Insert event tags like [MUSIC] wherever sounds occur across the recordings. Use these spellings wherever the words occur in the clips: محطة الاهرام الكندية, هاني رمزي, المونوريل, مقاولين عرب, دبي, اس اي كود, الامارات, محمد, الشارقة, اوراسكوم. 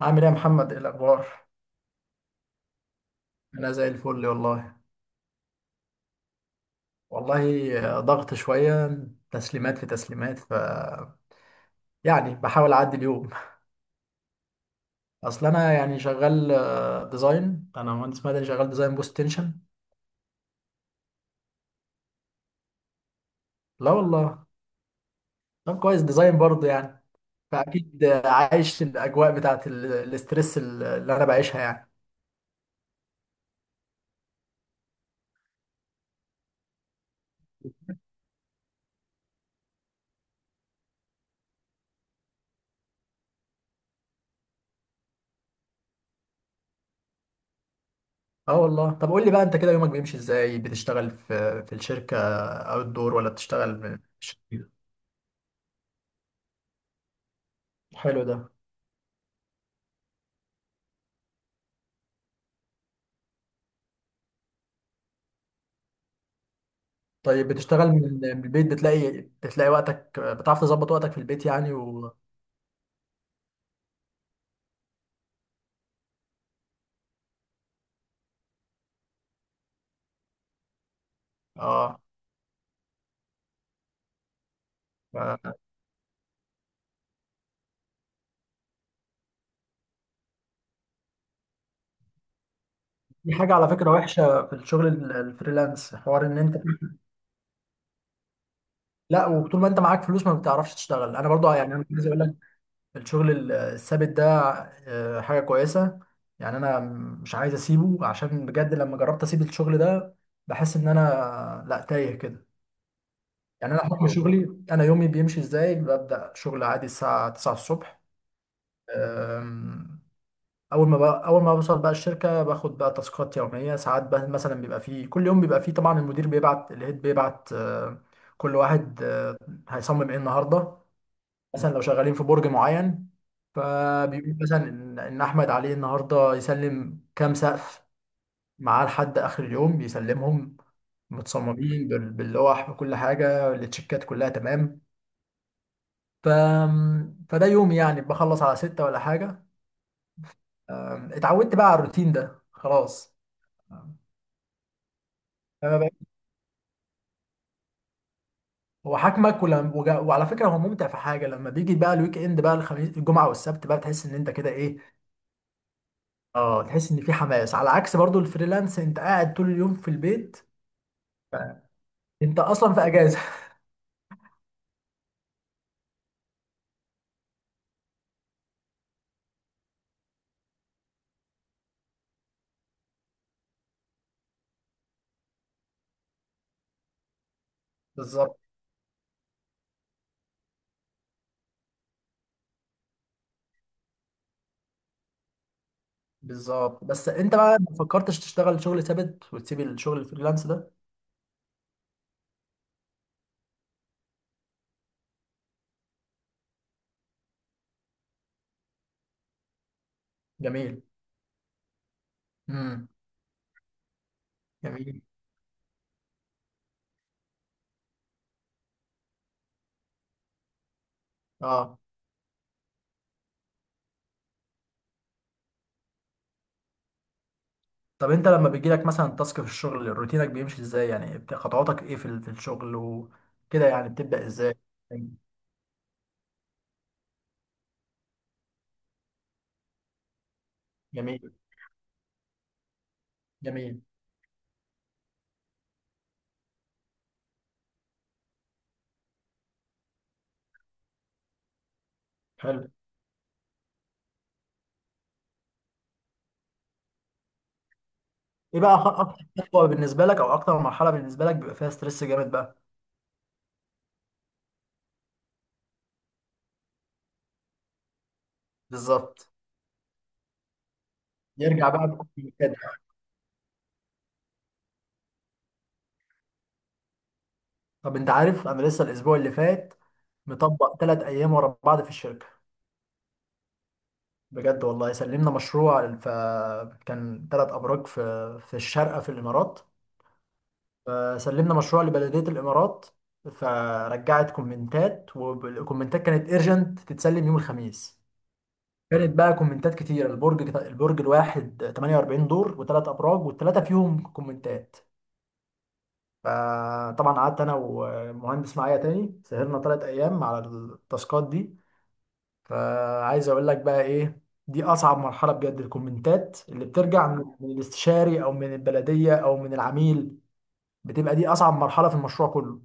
عامل ايه يا محمد؟ ايه الاخبار؟ انا زي الفل والله. والله ضغط شويه، تسليمات في تسليمات. يعني بحاول اعدي اليوم. اصل انا يعني شغال ديزاين، انا مهندس مدني شغال ديزاين بوست تنشن. لا والله. طب كويس، ديزاين برضه يعني. فاكيد عايش الاجواء بتاعت الاسترس اللي انا بعيشها يعني. اه والله. طب قول لي بقى، انت كده يومك بيمشي ازاي؟ بتشتغل في الشركه او الدور، ولا بتشتغل في الشركه؟ حلو ده. طيب بتشتغل من من البيت؟ بتلاقي، بتلاقي وقتك؟ بتعرف تظبط وقتك في البيت يعني؟ و اه. ف- دي حاجة على فكرة وحشة في الشغل الفريلانس، حوار ان انت [LAUGHS] لا، وطول ما انت معاك فلوس ما بتعرفش تشتغل، انا برضو يعني انا عايز اقول لك، الشغل الثابت ده حاجة كويسة يعني. انا مش عايز اسيبه، عشان بجد لما جربت اسيب الشغل ده بحس ان انا لا، تايه كده يعني. انا حكم شغلي، انا يومي بيمشي ازاي؟ ببدأ شغل عادي الساعة 9 الصبح. أم، اول ما بوصل بقى الشركه، باخد بقى تاسكات يوميه. ساعات بقى مثلا بيبقى فيه كل يوم بيبقى فيه طبعا المدير بيبعت، الهيد بيبعت كل واحد هيصمم ايه النهارده. مثلا لو شغالين في برج معين، فبيقول مثلا ان احمد عليه النهارده يسلم كام سقف معاه لحد اخر اليوم بيسلمهم، متصممين باللوح، بكل حاجه، التشيكات كلها تمام. ف... فده يومي يعني، بخلص على ستة ولا حاجه. اتعودت بقى على الروتين ده خلاص. هو حاكمك، وعلى فكره هو ممتع في حاجه، لما بيجي بقى الويك اند بقى الخميس الجمعه والسبت بقى تحس ان انت كده ايه. اه، تحس ان في حماس، على عكس برضو الفريلانس، انت قاعد طول اليوم في البيت، انت اصلا في اجازه. [LAUGHS] بالظبط. بالظبط. بس انت بقى ما فكرتش تشتغل شغل ثابت وتسيب الشغل الفريلانس ده؟ جميل. امم. جميل. اه. طب انت لما بيجي لك مثلا تاسك في الشغل روتينك بيمشي ازاي يعني؟ خطواتك ايه في في الشغل وكده يعني؟ بتبدأ ازاي؟ جميل. جميل. حلو. ايه بقى اكتر خطوه بالنسبه لك، او اكتر مرحله بالنسبه لك بيبقى فيها ستريس جامد بقى؟ بالظبط، يرجع بقى بكل المكان. طب انت عارف، انا لسه الاسبوع اللي فات مطبق 3 ايام ورا بعض في الشركه. بجد والله، سلمنا مشروع، فكان 3 ابراج في الشارقه في الامارات. فسلمنا مشروع لبلديه الامارات، فرجعت كومنتات، والكومنتات كانت ايرجنت تتسلم يوم الخميس. كانت بقى كومنتات كتيرة، البرج الواحد 48 دور، وثلاث ابراج، والثلاثه فيهم كومنتات. فطبعا قعدت انا ومهندس معايا تاني، سهرنا 3 ايام على التاسكات دي. فعايز اقول لك بقى ايه، دي اصعب مرحله بجد، الكومنتات اللي بترجع من الاستشاري او من البلديه او من العميل. بتبقى دي اصعب مرحله في المشروع كله.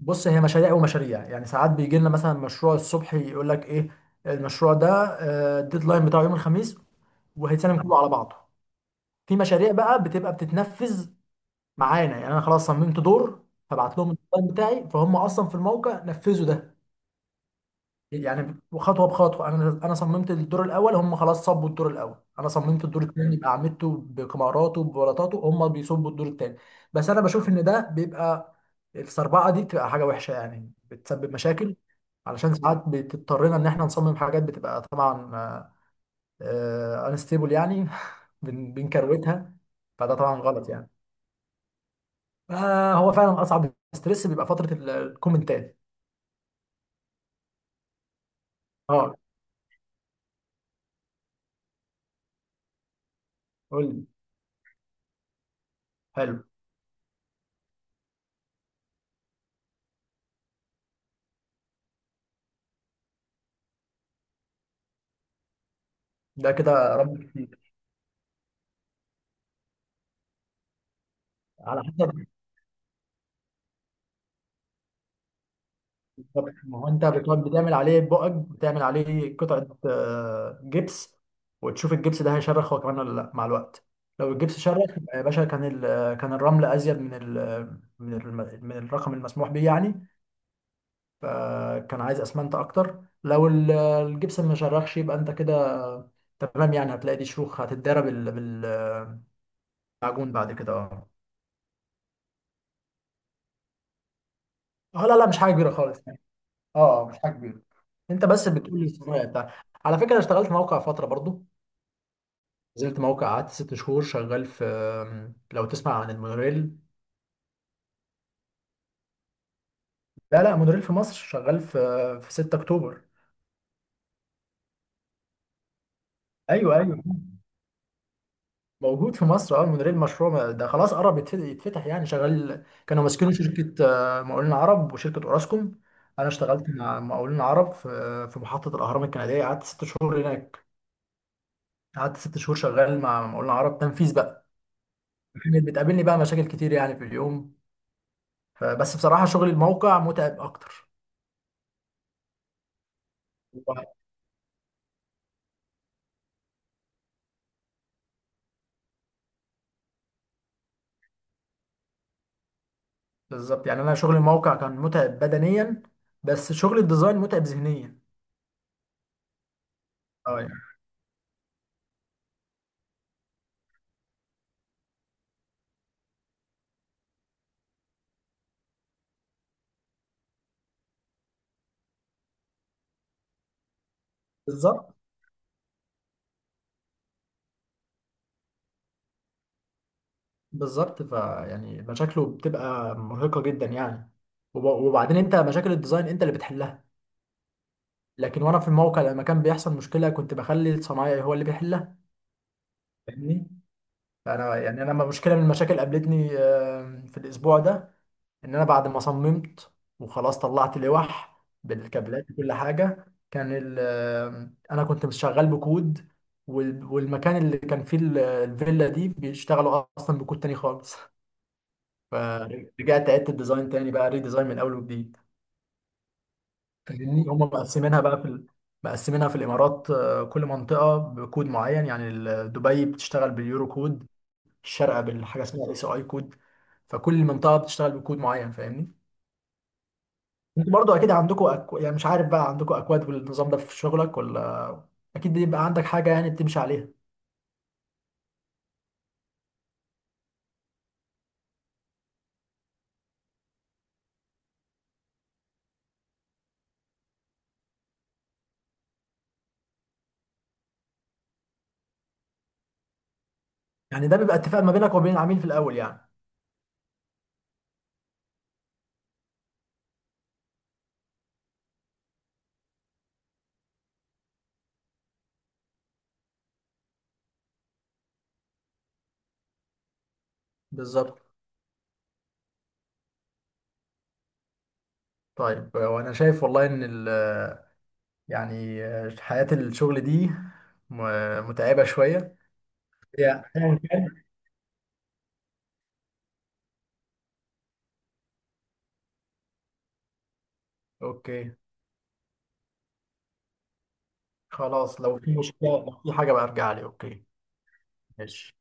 بص، هي مشاريع ومشاريع يعني. ساعات بيجي لنا مثلا مشروع الصبح، يقول لك ايه، المشروع ده الديدلاين بتاعه يوم الخميس، وهيتسلم كله على بعضه. في مشاريع بقى بتبقى بتتنفذ معانا، يعني انا خلاص صممت دور، هبعت لهم الديزاين بتاعي، فهم اصلا في الموقع نفذوا ده. يعني خطوه بخطوه، انا صممت الدور الاول، هم خلاص صبوا الدور الاول، انا صممت الدور الثاني باعمدته بكماراته ببلاطاته، هم بيصبوا الدور الثاني. بس انا بشوف ان ده بيبقى السربعه دي بتبقى حاجه وحشه يعني، بتسبب مشاكل. علشان ساعات بتضطرنا ان احنا نصمم حاجات بتبقى طبعا انستيبل يعني [LAUGHS] بنكروتها، فده طبعا غلط يعني. آه هو فعلا اصعب ستريس بيبقى فتره الكومنتات. اه، قول لي. حلو. ده كده رب كتير. على حسب. بالظبط. ما هو انت بتقعد بتعمل عليه بقك، بتعمل عليه قطعه جبس، وتشوف الجبس ده هيشرخ هو كمان ولا لا مع الوقت. لو الجبس شرخ يبقى يا باشا، كان كان الرمل ازيد من ال من ال من الرقم المسموح بيه يعني، فكان عايز اسمنت اكتر. لو الجبس ما شرخش يبقى انت كده تمام يعني، هتلاقي دي شروخ هتتضرب معجون بعد كده. اه. اه لا لا، مش حاجه كبيره خالص يعني. اه، مش حاجه كبيره. انت بس بتقول لي الصنايع بتاع. على فكره، انا اشتغلت موقع فتره برضو، نزلت موقع قعدت 6 شهور شغال في، لو تسمع عن المونوريل. لا لا، مونوريل في مصر، شغال في في 6 اكتوبر. ايوه ايوه، موجود في مصر. اه المونوريل مشروع ده خلاص قرب يتفتح يعني، شغال. كانوا ماسكينه شركه مقاولين عرب وشركه اوراسكوم. انا اشتغلت مع مقاولين عرب في في محطه الاهرام الكنديه، قعدت 6 شهور هناك، قعدت 6 شهور شغال مع مقاولنا عرب تنفيذ بقى. كانت بتقابلني بقى مشاكل كتير يعني في اليوم. فبس بصراحة شغل الموقع متعب أكتر. هو بالظبط يعني، أنا شغل الموقع كان متعب بدنيا، بس شغل الديزاين متعب ذهنيا. اه يعني. بالظبط. بالظبط، فيعني مشاكله بتبقى مرهقة جدا يعني. وبعدين أنت مشاكل الديزاين أنت اللي بتحلها، لكن وأنا في الموقع لما كان بيحصل مشكلة كنت بخلي الصنايعي هو اللي بيحلها، فاهمني؟ فأنا يعني، أنا لما مشكلة من المشاكل قابلتني في الأسبوع ده، ان انا بعد ما صممت وخلاص طلعت لوح بالكابلات وكل حاجه، كان انا كنت شغال بكود، والمكان اللي كان فيه الفيلا دي بيشتغلوا اصلا بكود تاني خالص، فرجعت عدت الديزاين تاني بقى ريديزاين من اول وجديد. فاهمني، هم مقسمينها بقى في مقسمينها في الامارات كل منطقه بكود معين يعني، دبي بتشتغل باليورو كود، الشارقه بالحاجه اسمها اس اي كود. فكل منطقه بتشتغل بكود معين، فاهمني؟ انتوا برضو اكيد عندكم يعني مش عارف بقى، عندكم اكواد والنظام ده في شغلك ولا؟ اكيد بيبقى عندك حاجه يعني بتمشي عليها. يعني ده بيبقى اتفاق ما بينك وبين العميل في الاول يعني. بالظبط. طيب وانا شايف والله ان يعني حياه الشغل دي متعبه شويه يعني، أيا كان. اوكي. خلاص، لو في مشكله، لو في حاجه بقى ارجع لي. اوكي ماشي.